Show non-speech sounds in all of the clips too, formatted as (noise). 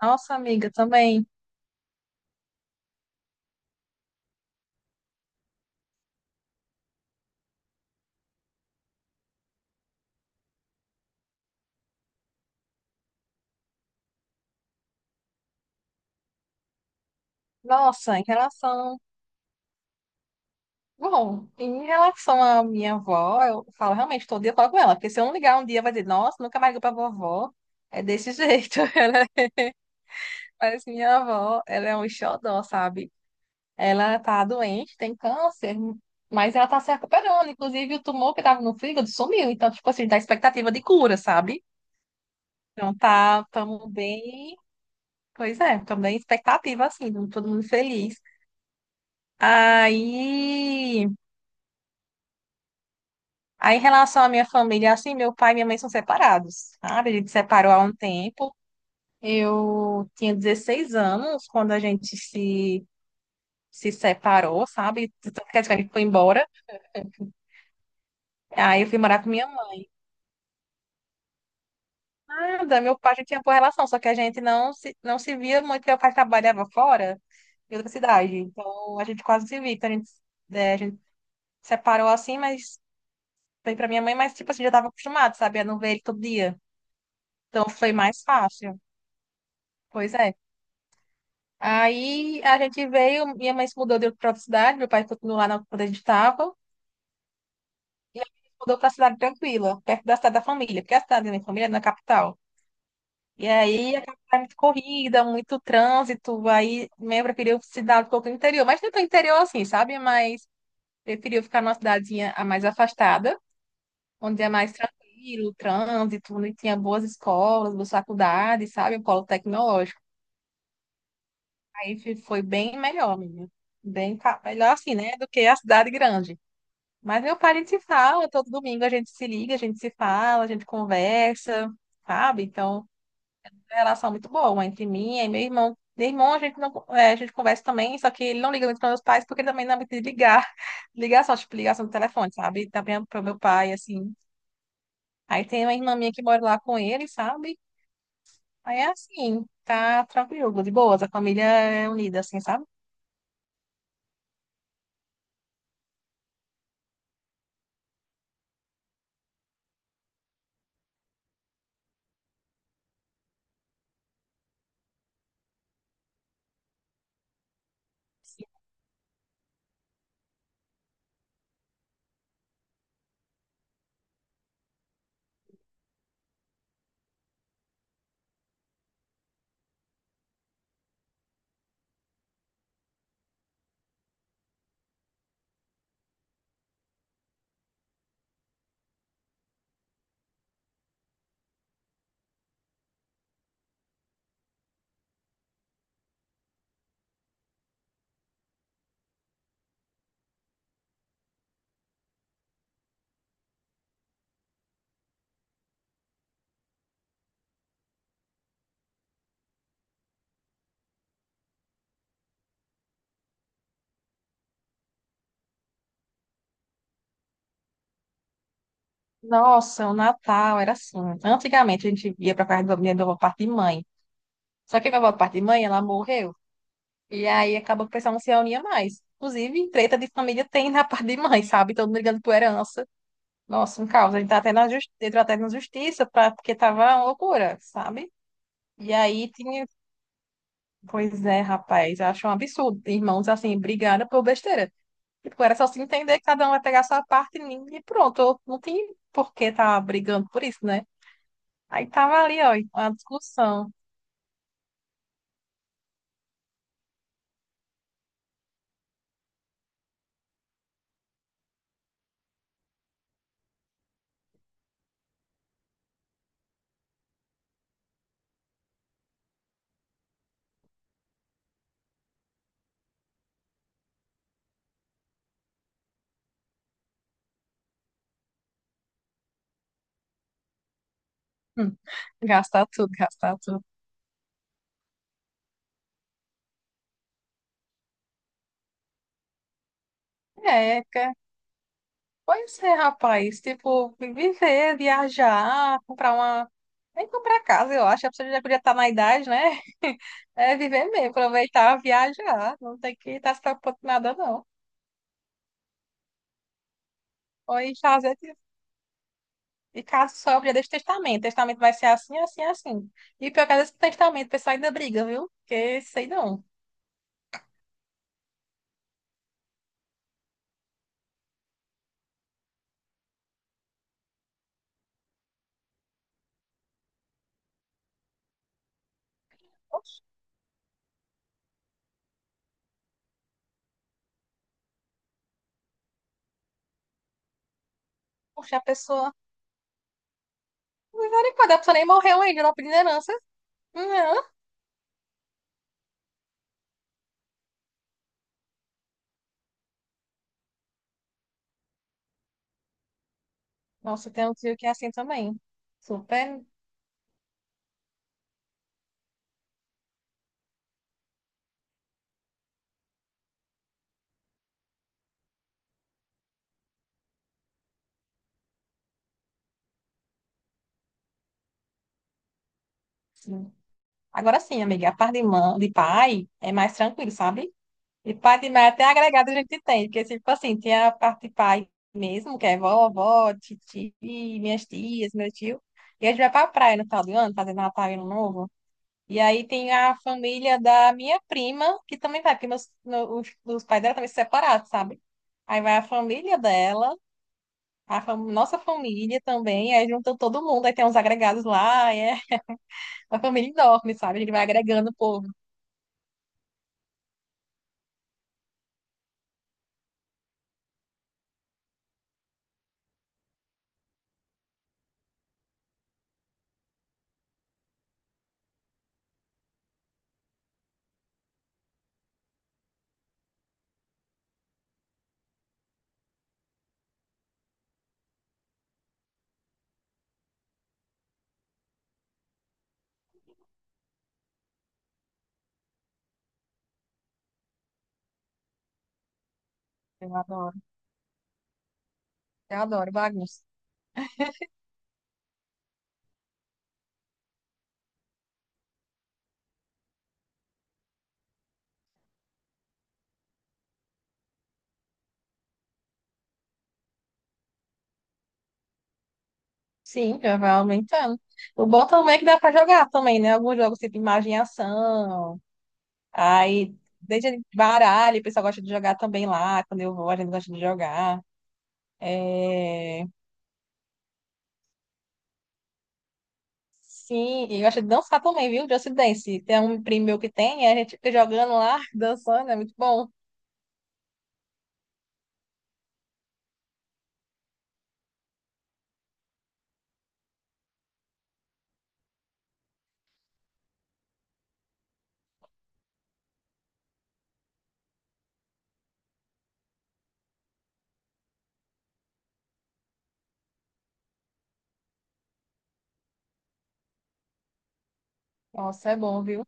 Nossa, amiga, também. Nossa, em relação. Bom, em relação à minha avó, eu falo realmente todo dia eu falo com ela, porque se eu não ligar um dia, vai dizer, nossa, nunca mais ligou pra vovó. É desse jeito. (laughs) Ela... Mas minha avó, ela é um xodó, sabe? Ela tá doente, tem câncer, mas ela tá se recuperando. Inclusive, o tumor que tava no fígado sumiu. Então, tipo assim, dá expectativa de cura, sabe? Então, tá, tamo bem. Pois é, também expectativa, assim, todo mundo feliz. Aí. Aí, em relação à minha família, assim, meu pai e minha mãe são separados, sabe? A gente separou há um tempo. Eu tinha 16 anos quando a gente se separou, sabe? Quer dizer, a gente foi embora. Aí eu fui morar com minha mãe. Nada, meu pai já tinha boa relação, só que a gente não se via muito, porque meu pai trabalhava fora, em outra cidade. Então, a gente quase se via. Então, a gente separou assim, mas foi pra minha mãe, mas, tipo assim, já tava acostumado, sabe? A não ver ele todo dia. Então, foi mais fácil. Pois é. Aí a gente veio, minha mãe se mudou de outra cidade, meu pai continuou lá onde a gente estava, e a gente se mudou para a cidade tranquila, perto da cidade da família, porque a cidade da minha família é na capital. E aí a capital é muito corrida, muito trânsito, aí minha mãe preferiu cidade um pouco no interior, mas não tão interior assim, sabe? Mas preferiu ficar numa cidadezinha a mais afastada, onde é mais tranquilo, o trânsito, onde tinha boas escolas, boas faculdades, sabe? O polo tecnológico. Aí foi bem melhor, menina. Bem, melhor assim, né? Do que a cidade grande. Mas meu pai, a gente se fala, todo domingo a gente se liga, a gente se fala, a gente conversa, sabe? Então, é uma relação muito boa entre mim e meu irmão. Meu irmão, a gente não, é, a gente conversa também, só que ele não liga muito para meus pais, porque ele também não é muito de ligar. (laughs) Ligação, tipo, ligação do telefone, sabe? Também para meu pai, assim. Aí tem uma irmã minha que mora lá com ele, sabe? Aí é assim, tá tranquilo, de boas, a família é unida, assim, sabe? Nossa, o Natal era assim. Antigamente a gente ia para casa da minha avó parte de mãe. Só que a minha avó parte de mãe, ela morreu. E aí acabou que o pessoal não se reunia mais. Inclusive, treta de família tem na parte de mãe, sabe? Todo mundo ligando por herança. Nossa, um caos. A gente tá até na justi... entrou até na justiça pra... porque tava uma loucura, sabe? E aí tinha. Pois é, rapaz, eu acho um absurdo. Irmãos assim, brigando por besteira. Tipo, era só se entender que cada um vai pegar a sua parte e pronto. Não tem por que tá brigando por isso, né? Aí tava ali, ó, uma discussão. Hum, gastar tudo, gastar tudo. É, pois é, rapaz. Tipo, viver, viajar, comprar uma. Nem comprar casa, eu acho. A pessoa já podia estar na idade, né? (laughs) É viver mesmo, aproveitar, viajar. Não tem que estar se preocupando com nada, não. Ou ir fazer. Tipo, e caso sobre, deixa o testamento. Testamento vai ser assim, assim, assim. E pior que às vezes com testamento, o pessoal ainda briga, viu? Porque sei não. Poxa, a pessoa. Misericórdia, a pessoa nem morreu ainda, não pediu herança. Não. Nossa, tem um tio que é assim também. Super. Sim. Agora sim, amiga, a parte de, mãe, de pai é mais tranquilo, sabe? E pai de mãe até agregado a gente tem, porque tipo assim, tem a parte de pai mesmo, que é vovó, titi, minhas tias, meu tio. E a gente vai pra praia no final do ano, fazer Natal e Ano Novo. E aí tem a família da minha prima, que também vai, porque os pais dela também se separaram, sabe? Aí vai a família dela. Nossa família também, aí junta todo mundo, aí tem uns agregados lá, aí é uma família enorme, sabe? A gente vai agregando o povo. Eu adoro, eu adoro bagunça. Sim, já vai aumentando. O bom também é que dá pra jogar também, né? Alguns jogos tipo imagem e ação, aí desde baralho, o pessoal gosta de jogar também lá, quando eu vou, a gente gosta de jogar. É... Sim, e eu gosta de dançar também, viu? Just Dance. Tem um primo meu que tem, a gente fica jogando lá, (laughs) dançando, é muito bom. Nossa, é bom, viu?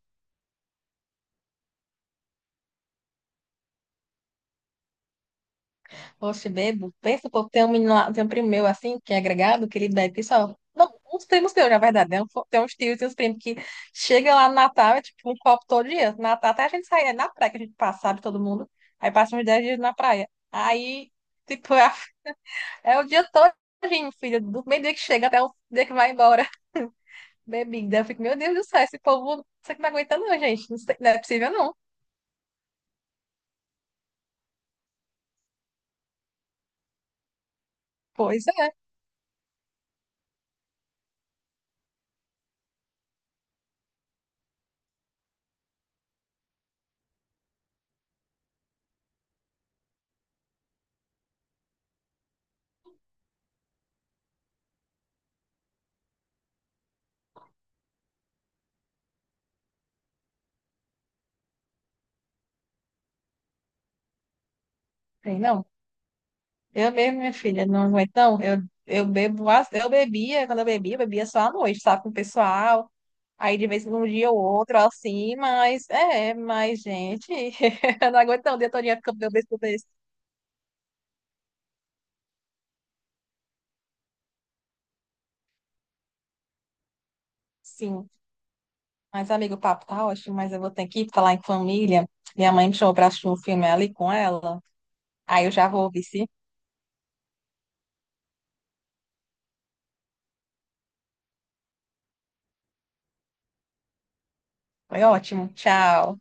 Poxa, bebo. Pensa, pô, tem um menino lá, tem um primo meu assim, que é agregado, que ele bebe que só. Não, uns primos teus, na verdade, né? Tem uns tios e uns primos que chega lá no Natal, é tipo um copo todo dia. No Natal até a gente sai, é na praia que a gente passa, sabe, todo mundo. Aí passa uns 10 dias na praia. Aí, tipo, é, é o dia todinho, filho, do meio dia que chega até o dia que vai embora. (laughs) Bebida. Eu fico, meu Deus do céu, esse povo, isso aqui não aguenta não, gente. Não sei, não é possível não. Pois é. Tem Não. Eu mesmo, minha filha, não é tão. Eu bebo, eu bebia, quando eu bebia só à noite, sabe, com o pessoal. Aí de vez em um dia ou outro, assim, mas é, mas, gente, (laughs) eu não aguento não, o dia todo dia ficando bebendo tudo isso. Sim. Mas, amigo, o papo tá ótimo, mas eu vou ter que ir falar em família. Minha mãe me chamou pra assistir um filme ali com ela. Aí eu já vou, vice. Foi ótimo. Tchau.